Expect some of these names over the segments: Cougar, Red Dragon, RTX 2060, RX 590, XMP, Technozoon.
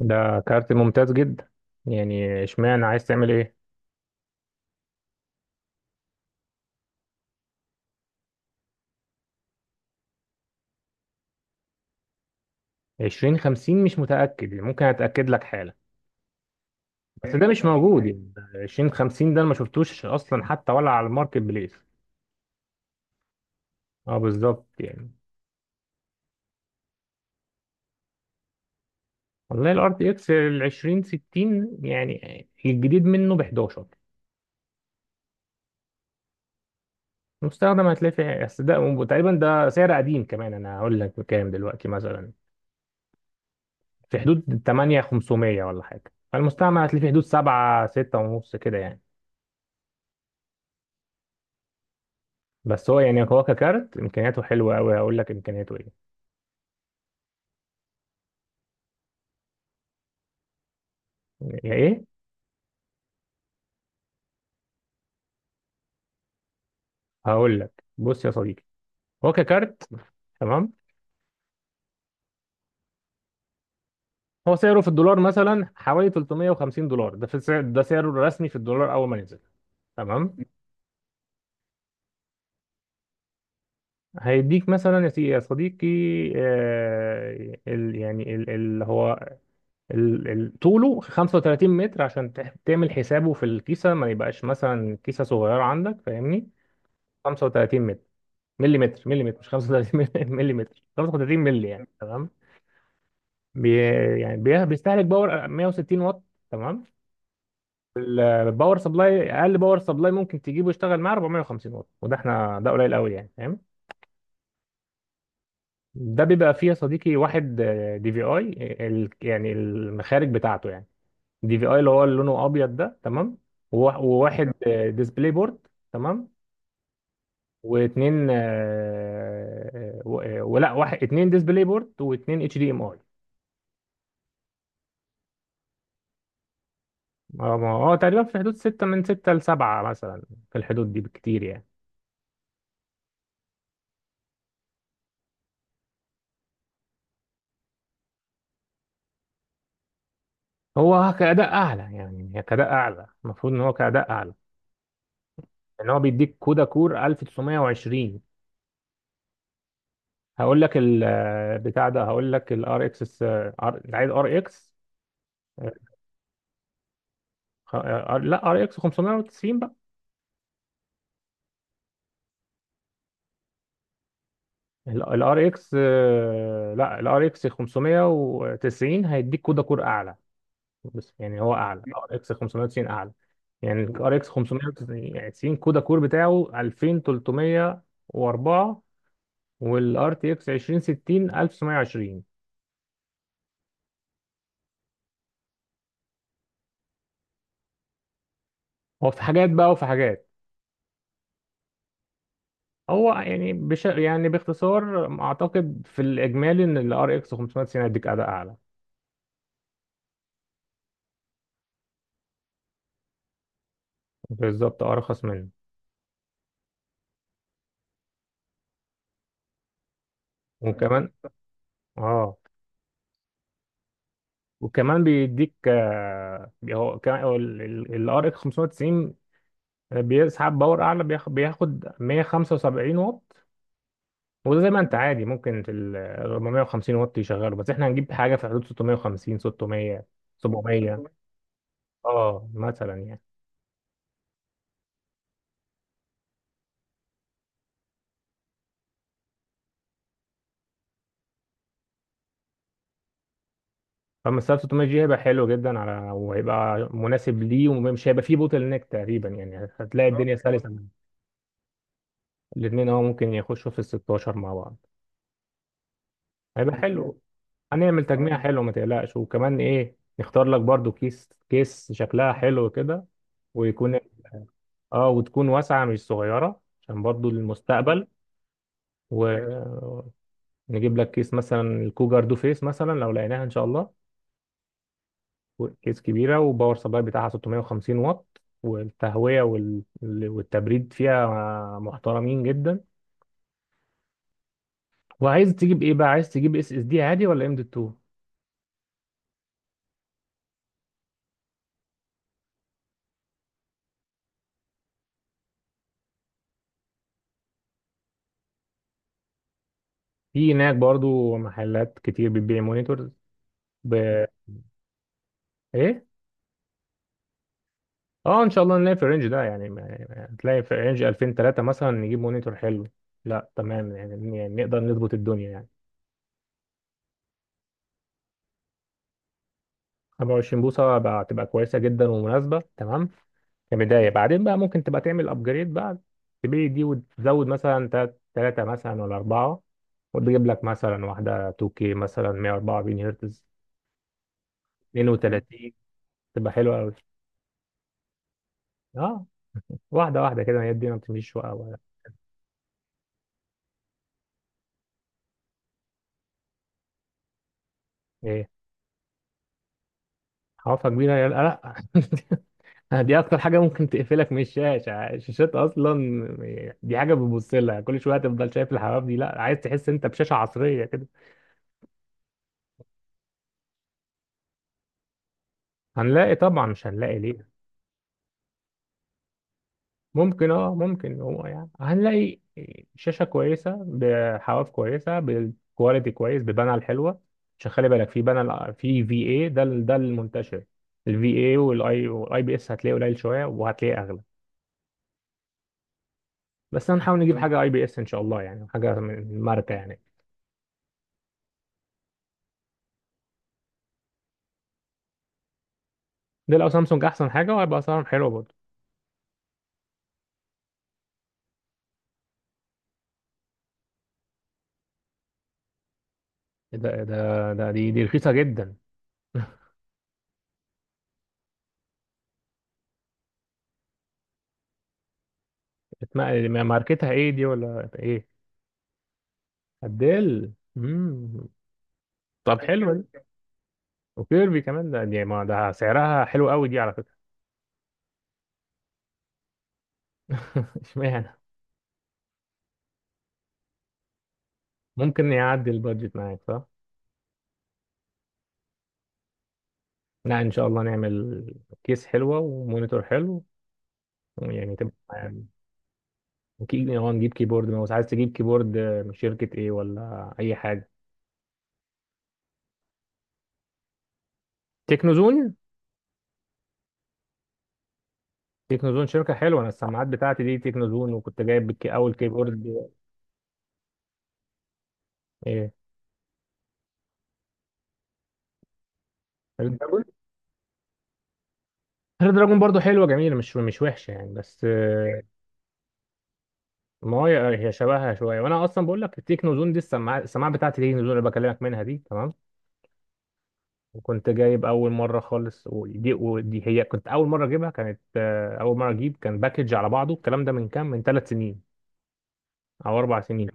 ده كارت ممتاز جدا. يعني اشمعنى عايز تعمل ايه؟ عشرين خمسين مش متأكد، يعني ممكن اتأكد لك حالا. بس ده مش موجود يعني. 2050 ده أنا ما شفتوش اصلا، حتى ولا على الماركت بليس. اه بالظبط يعني. والله الار تي اكس ال 2060، يعني الجديد منه ب 11. مستخدم هتلاقي في، بس ده تقريبا ده سعر قديم كمان. انا هقول لك بكام دلوقتي مثلا. في حدود 8500 ولا حاجه، فالمستعمل هتلاقي في حدود 7 6 ونص كده يعني. بس هو ككارت امكانياته حلوه قوي، هقول لك امكانياته ايه. يا ايه؟ هقول لك، بص يا صديقي. هو ككارت، تمام. هو سعره في الدولار مثلا حوالي $350، ده في السعر، ده سعره الرسمي في الدولار اول ما نزل. تمام. هيديك مثلا، يا صديقي. آه ال يعني ال- اللي هو ال- ال- طوله 35 متر، عشان تعمل حسابه في الكيسه، ما يبقاش مثلا كيسه صغيره عندك، فاهمني. 35 ملي متر، ملي متر، مش 35. ملي متر، 35 ملي، يعني تمام. بي بي بيستهلك باور 160 واط، تمام. الباور سبلاي، اقل باور سبلاي ممكن تجيبه يشتغل معاه 450 واط، وده احنا ده قليل قوي يعني، فاهم. ده بيبقى فيه يا صديقي واحد دي في اي، يعني المخارج بتاعته يعني، دي في اي اللي هو اللي لونه ابيض ده، تمام. وواحد ديسبلاي بورد، تمام. واتنين ولا واحد، اتنين ديسبلاي بورد واتنين اتش دي ام اي. اه ما هو تقريبا في حدود ستة، من ستة لسبعة مثلا، في الحدود دي بكتير يعني. هو كأداء أعلى، يعني هي كأداء أعلى، المفروض إن هو كأداء أعلى، إن هو بيديك كودا كور 1920. هقول لك بتاع ده، هقول لك ال RX، أنت عايز RX، لا RX 590 بقى. ال RX، لا ال RX 590 هيديك كودا كور أعلى. بس يعني هو اعلى، ار اكس 590 اعلى، يعني الار اكس 590 كودا كور بتاعه 2304، والار تي اكس 2060 1920. هو في حاجات بقى، وفي حاجات. هو يعني بش يعني باختصار، اعتقد في الاجمالي ان الار اكس 590 هيديك اداء اعلى. بالظبط، ارخص منه. وكمان، اه. وكمان بيديك، هو كمان الار اكس 590 بيسحب باور اعلى، بياخد 175 واط. وده زي ما انت عادي ممكن في ال 450 واط يشغله، بس احنا هنجيب حاجه في حدود 650، 600، 700، اه مثلا يعني. فما 600 جي هيبقى حلو جدا، على وهيبقى مناسب ليه، ومش هيبقى فيه بوتل نيك تقريبا يعني، هتلاقي اه الدنيا بالظبط سلسه. الاثنين اه ممكن يخشوا في ال 16 مع بعض. هيبقى بالظبط حلو، هنعمل اه تجميع حلو، ما تقلقش. وكمان ايه، نختار لك برضو كيس، كيس شكلها حلو كده. ويكون اه وتكون واسعه، مش صغيره، عشان برضو للمستقبل. و... نجيب لك كيس مثلا الكوجر دو فيس، مثلا لو لقيناها ان شاء الله. كيس كبيره، وباور سبلاي بتاعها 650 واط، والتهويه والتبريد فيها محترمين جدا. وعايز تجيب ايه بقى، عايز تجيب اس اس دي عادي ولا ام دي 2؟ في هناك برضو محلات كتير بتبيع مونيتور ب... ايه. اه ان شاء الله نلاقي في الرينج ده، يعني تلاقي في رينج 2000، 3 مثلا، نجيب مونيتور حلو. لا تمام، يعني نقدر نظبط الدنيا يعني. 25 بوصة بقى تبقى كويسة جدا ومناسبة، تمام كبداية. بعدين بقى ممكن تبقى تعمل ابجريد بقى، تبيع دي وتزود مثلا تلاتة مثلا ولا أربعة، وتجيب لك مثلا واحدة 2K مثلا، 144 هرتز، 32، تبقى حلوة أوي. اه، واحدة واحدة كده، هي دي ما بتمشيش وقع ولا ايه؟ حوافها كبيرة، يا لا لا. دي أكتر حاجة ممكن تقفلك من الشاشات أصلا، دي حاجة بتبص لها كل شوية، تفضل شايف الحواف دي، لا عايز تحس أنت بشاشة عصرية. هنلاقي طبعا، مش هنلاقي ليه؟ ممكن، اه ممكن، هو يعني هنلاقي شاشة كويسة، بحواف كويسة، بالكواليتي كويس، ببانل الحلوة. عشان خلي بالك، في بانل في في اي، ده المنتشر، الفي اي. والاي والاي بي اس هتلاقيه قليل شوية، وهتلاقيه اغلى. بس هنحاول نجيب حاجة اي بي اس ان شاء الله، يعني حاجة من ماركة يعني. دي لو سامسونج احسن حاجة، وهيبقى اسعارهم حلوة برضه. ده ده ده دي دي رخيصة جدا. ماركتها ايه، دي ولا ايه؟ ابديل. طب حلوة دي، وكيربي كمان، ده دي ما ده سعرها حلو قوي دي، على فكرة. اشمعنى؟ ممكن يعدي البادجت معاك، صح؟ لا ان شاء الله نعمل كيس حلوة ومونيتور حلو، يعني تبقى يعني. نجيب كيبورد ماوس، عايز تجيب كيبورد من شركة ايه ولا اي حاجة؟ تكنوزون. تكنوزون شركة حلوة، انا السماعات بتاعتي دي تكنوزون، وكنت جايب اول كيبورد. ايه؟ ريد دراجون. ريد دراجون برضه حلوة، جميلة، مش وحشة يعني، بس ما هو هي شبهها شويه. وانا اصلا بقول لك، التكنو زون دي، السماعه بتاعتي دي التكنو زون، اللي بكلمك منها دي، تمام. وكنت جايب اول مره خالص، ودي هي كنت اول مره اجيبها، كانت اول مره اجيب كان باكج على بعضه. الكلام ده من كام، من 3 سنين او 4 سنين.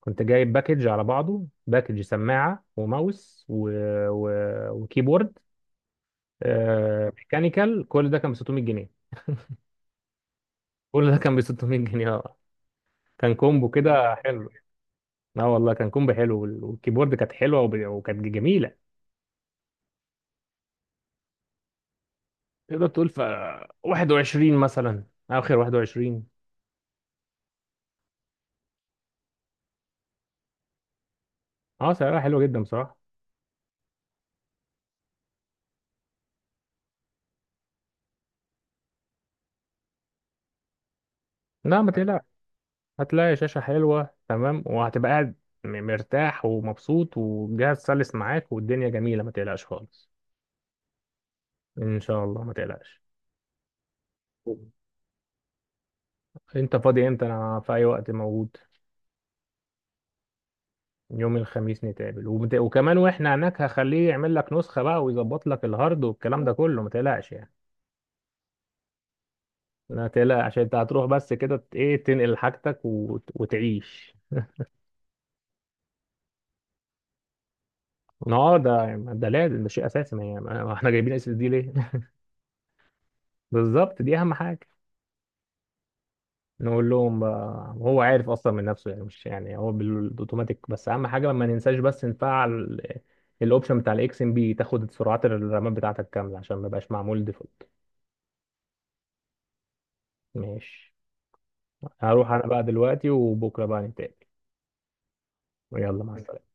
كنت جايب باكج على بعضه، باكج سماعه وماوس و... وكيبورد ميكانيكال، كل ده كان ب 600 جنيه. كل ده كان ب 600 جنيه، اه، كان كومبو كده حلو. اه والله، كان كومبو حلو، والكيبورد كانت حلوه، وكانت جميله. تقدر تقول في 21 مثلا، اخر 21. اه سعرها حلوه جدا بصراحه. لا ما تقلقش، هتلاقي شاشه حلوه تمام وهتبقى قاعد مرتاح ومبسوط، والجهاز سلس معاك، والدنيا جميله، ما تقلقش خالص. ان شاء الله ما تقلقش. انت فاضي امتى؟ انا في اي وقت موجود. يوم الخميس نتقابل، وكمان واحنا هناك هخليه يعمل لك نسخه بقى، ويظبط لك الهارد والكلام ده كله، ما تقلقش يعني. لا تقلق، عشان انت هتروح بس كده، ت- ايه تنقل حاجتك وتعيش. اه ده ده لازم، ده شيء اساسي، ما احنا جايبين اس اس دي ليه؟ بالظبط، دي اهم حاجه. نقول لهم بقى، هو عارف اصلا من نفسه، يعني مش يعني، هو بالاوتوماتيك. بس اهم حاجه ما ننساش، بس نفعل الاوبشن بتاع الاكس ام بي، تاخد سرعات الرامات بتاعتك كامله، عشان ما يبقاش معمول ديفولت. ماشي. هروح انا بقى دلوقتي، وبكره بقى نتقابل. يلا مع السلامه.